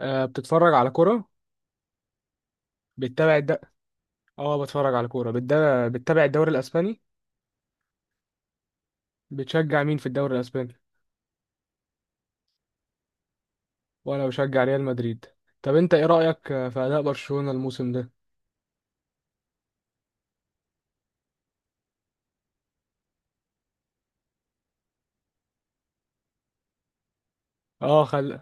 بتتفرج على كرة. بتتابع الد اه بتفرج على بتتابع الدوري الأسباني. بتشجع مين في الدوري الأسباني؟ وأنا بشجع ريال مدريد. طب أنت إيه رأيك في أداء برشلونة الموسم ده؟ اه خل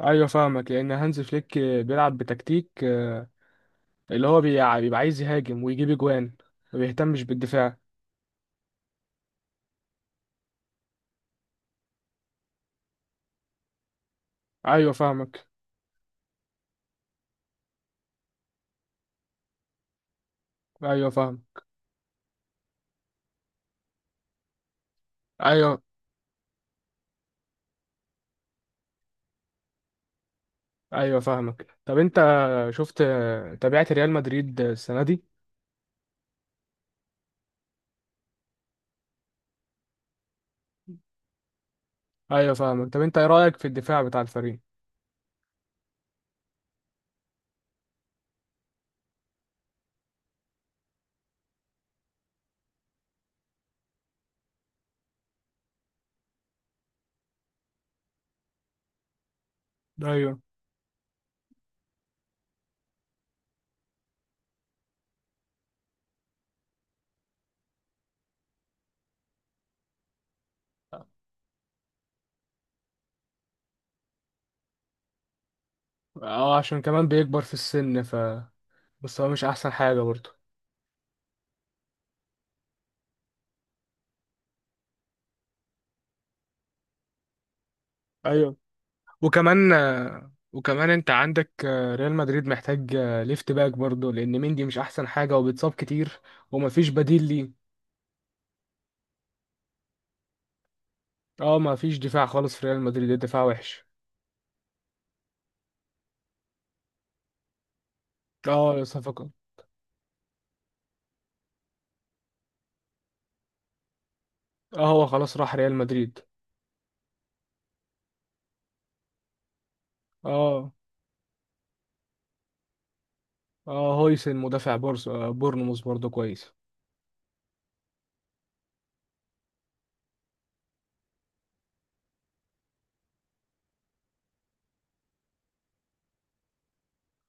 أيوة فاهمك، لأن هانز فليك بيلعب بتكتيك، اللي هو بيبقى عايز يهاجم ويجيب أجوان، ما بيهتمش بالدفاع. أيوة فاهمك. أيوة فاهم. أيوة. أيوة فاهمك. طب أنت شفت آه، تابعت ريال مدريد السنة دي؟ أيوة فاهمك. طب أنت إيه رأيك في الدفاع بتاع الفريق؟ أيوة. اه، عشان كمان بيكبر في السن، بس هو مش احسن حاجة برضه. ايوه، وكمان وكمان انت عندك، ريال مدريد محتاج ليفت باك برضه، لان مندي مش احسن حاجة وبيتصاب كتير، ومفيش بديل ليه. اه، مفيش دفاع خالص في ريال مدريد، الدفاع وحش. اه، اه، هو خلاص راح ريال مدريد. اه. اه، هويسن مدافع بورس آه، بورنموث برضه كويس.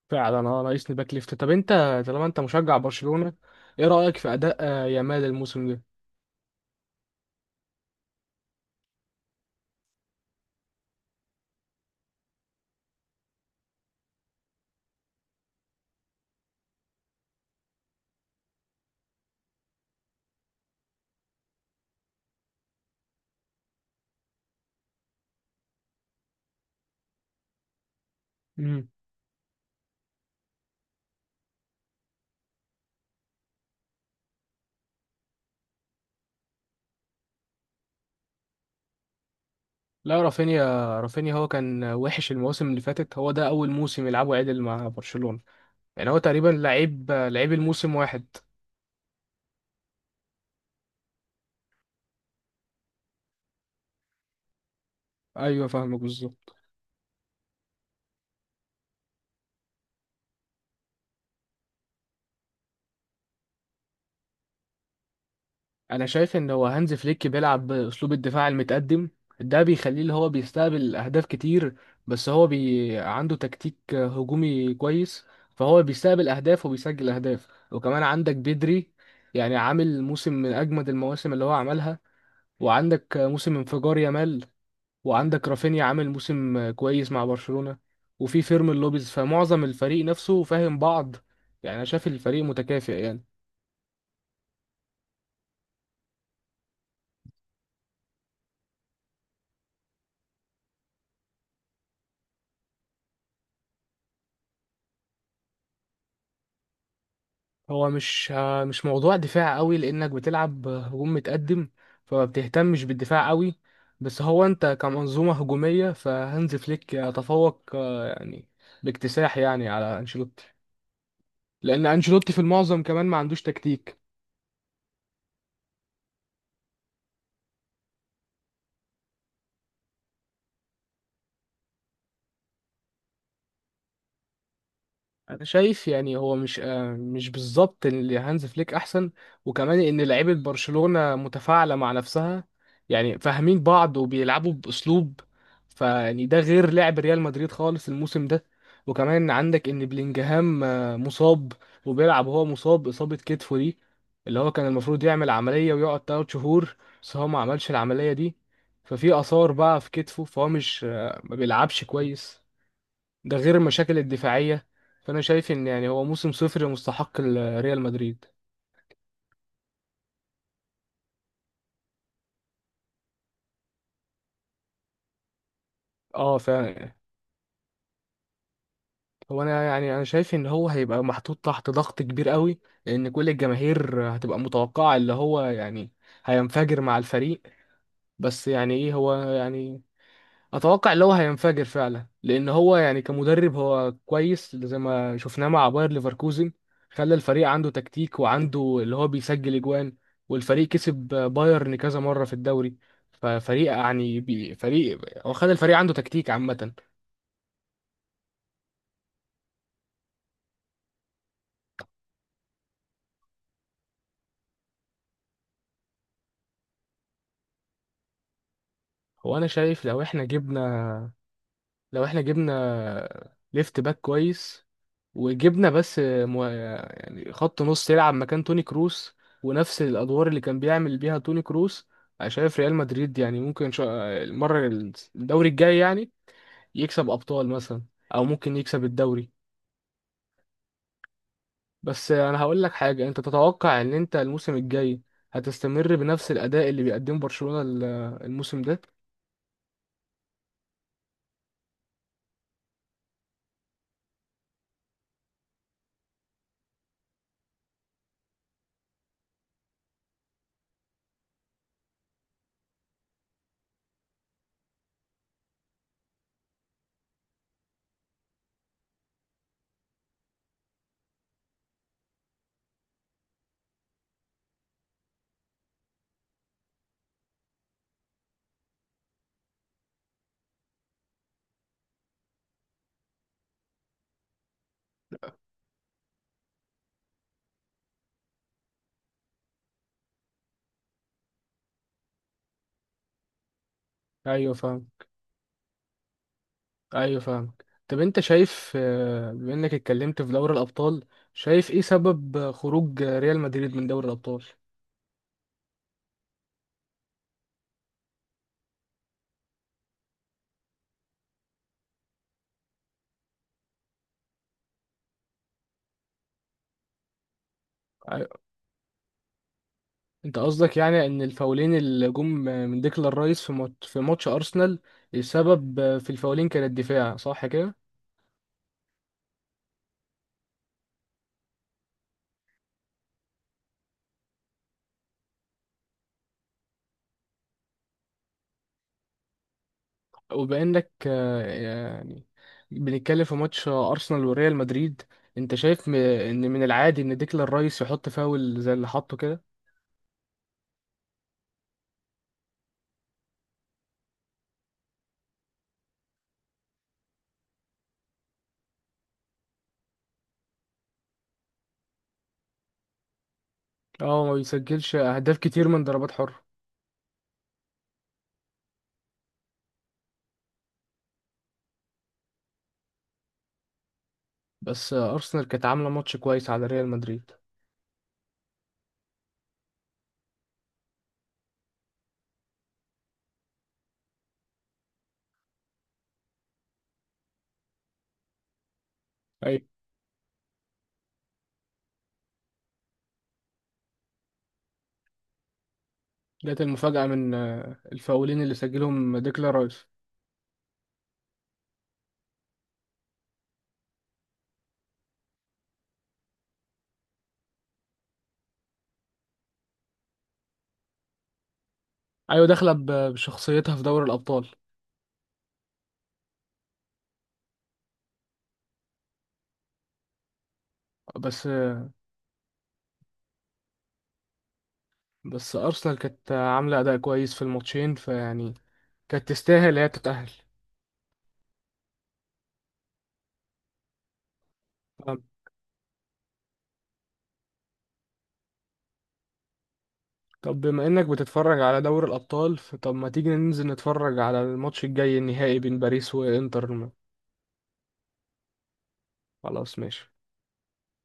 فعلا، ناقصني باك ليفت. طب انت، طالما انت مشجع برشلونة، ايه رأيك في اداء يامال الموسم ده؟ لا، رافينيا هو كان وحش المواسم اللي فاتت، هو ده اول موسم يلعبه عدل مع برشلونة. يعني هو تقريبا لعيب لعيب الموسم واحد. ايوه فاهمك بالظبط. انا شايف ان هو هانز فليك بيلعب باسلوب الدفاع المتقدم، ده بيخليه اللي هو بيستقبل اهداف كتير. بس هو عنده تكتيك هجومي كويس، فهو بيستقبل اهداف وبيسجل اهداف. وكمان عندك بدري، يعني عامل موسم من اجمد المواسم اللي هو عملها. وعندك موسم انفجار يامال، وعندك رافينيا عامل موسم كويس مع برشلونة، وفي فيرمين لوبيز، فمعظم الفريق نفسه فاهم بعض. يعني انا شايف الفريق متكافئ يعني. هو مش موضوع دفاع قوي، لانك بتلعب هجوم متقدم، فما بتهتمش بالدفاع قوي. بس هو انت كمنظومة هجومية، فهانز فليك يتفوق، يعني باكتساح، يعني على انشيلوتي. لان انشيلوتي في المعظم كمان ما عندوش تكتيك. انا شايف يعني هو مش بالظبط اللي هانز فليك احسن، وكمان ان لعيبه برشلونه متفاعله مع نفسها، يعني فاهمين بعض وبيلعبوا باسلوب. فيعني ده غير لعب ريال مدريد خالص الموسم ده. وكمان عندك ان بلينجهام مصاب، وبيلعب وهو مصاب اصابه كتفه دي، اللي هو كان المفروض يعمل عمليه ويقعد 3 شهور، بس هو ما عملش العمليه دي، ففي اثار بقى في كتفه، فهو مش ما بيلعبش كويس، ده غير المشاكل الدفاعية. فأنا شايف إن يعني هو موسم صفر مستحق ريال مدريد. اه، فعلا. هو انا يعني شايف ان هو هيبقى محطوط تحت ضغط كبير قوي، لان كل الجماهير هتبقى متوقعه اللي هو يعني هينفجر مع الفريق. بس يعني ايه هو يعني، اتوقع اللي هو هينفجر فعلا، لان هو يعني كمدرب هو كويس زي ما شفناه مع باير ليفركوزن، خلى الفريق عنده تكتيك وعنده اللي هو بيسجل اجوان، والفريق كسب بايرن كذا مره في الدوري. ففريق يعني فريق، هو خلى الفريق عنده تكتيك عامه. هو انا شايف لو احنا جبنا ليفت باك كويس، وجبنا بس يعني خط نص يلعب مكان توني كروس، ونفس الادوار اللي كان بيعمل بيها توني كروس. انا شايف ريال مدريد يعني ممكن المره، الدوري الجاي يعني، يكسب ابطال مثلا، او ممكن يكسب الدوري. بس انا هقول لك حاجه، انت تتوقع ان انت الموسم الجاي هتستمر بنفس الاداء اللي بيقدمه برشلونه الموسم ده؟ ايوه فاهم. ايوه فاهم. طب انت شايف، بما انك اتكلمت في دوري الابطال، شايف ايه سبب خروج ريال مدريد من دوري الابطال؟ أيوة. انت قصدك يعني ان الفاولين اللي جم من ديكلان رايس في ماتش ارسنال، السبب في الفاولين كان الدفاع صح كده؟ وبانك، يعني بنتكلم في ماتش ارسنال وريال مدريد، انت شايف ان من العادي ان ديكلان رايس يحط فاول زي اللي حطه كده؟ اه، ما بيسجلش اهداف كتير من ضربات حرة. بس ارسنال كانت عامله ماتش كويس على ريال مدريد. ايوه، جت المفاجأة من الفاولين اللي سجلهم ديكلان رايس. ايوه، داخله بشخصيتها في دوري الابطال. بس بس ارسنال كانت عامله اداء كويس في الماتشين فيعني، كانت تستاهل هي تتاهل. طب طب بما انك بتتفرج على دوري الابطال، فطب ما تيجي ننزل نتفرج على الماتش الجاي النهائي بين باريس وانتر؟ خلاص ماشي.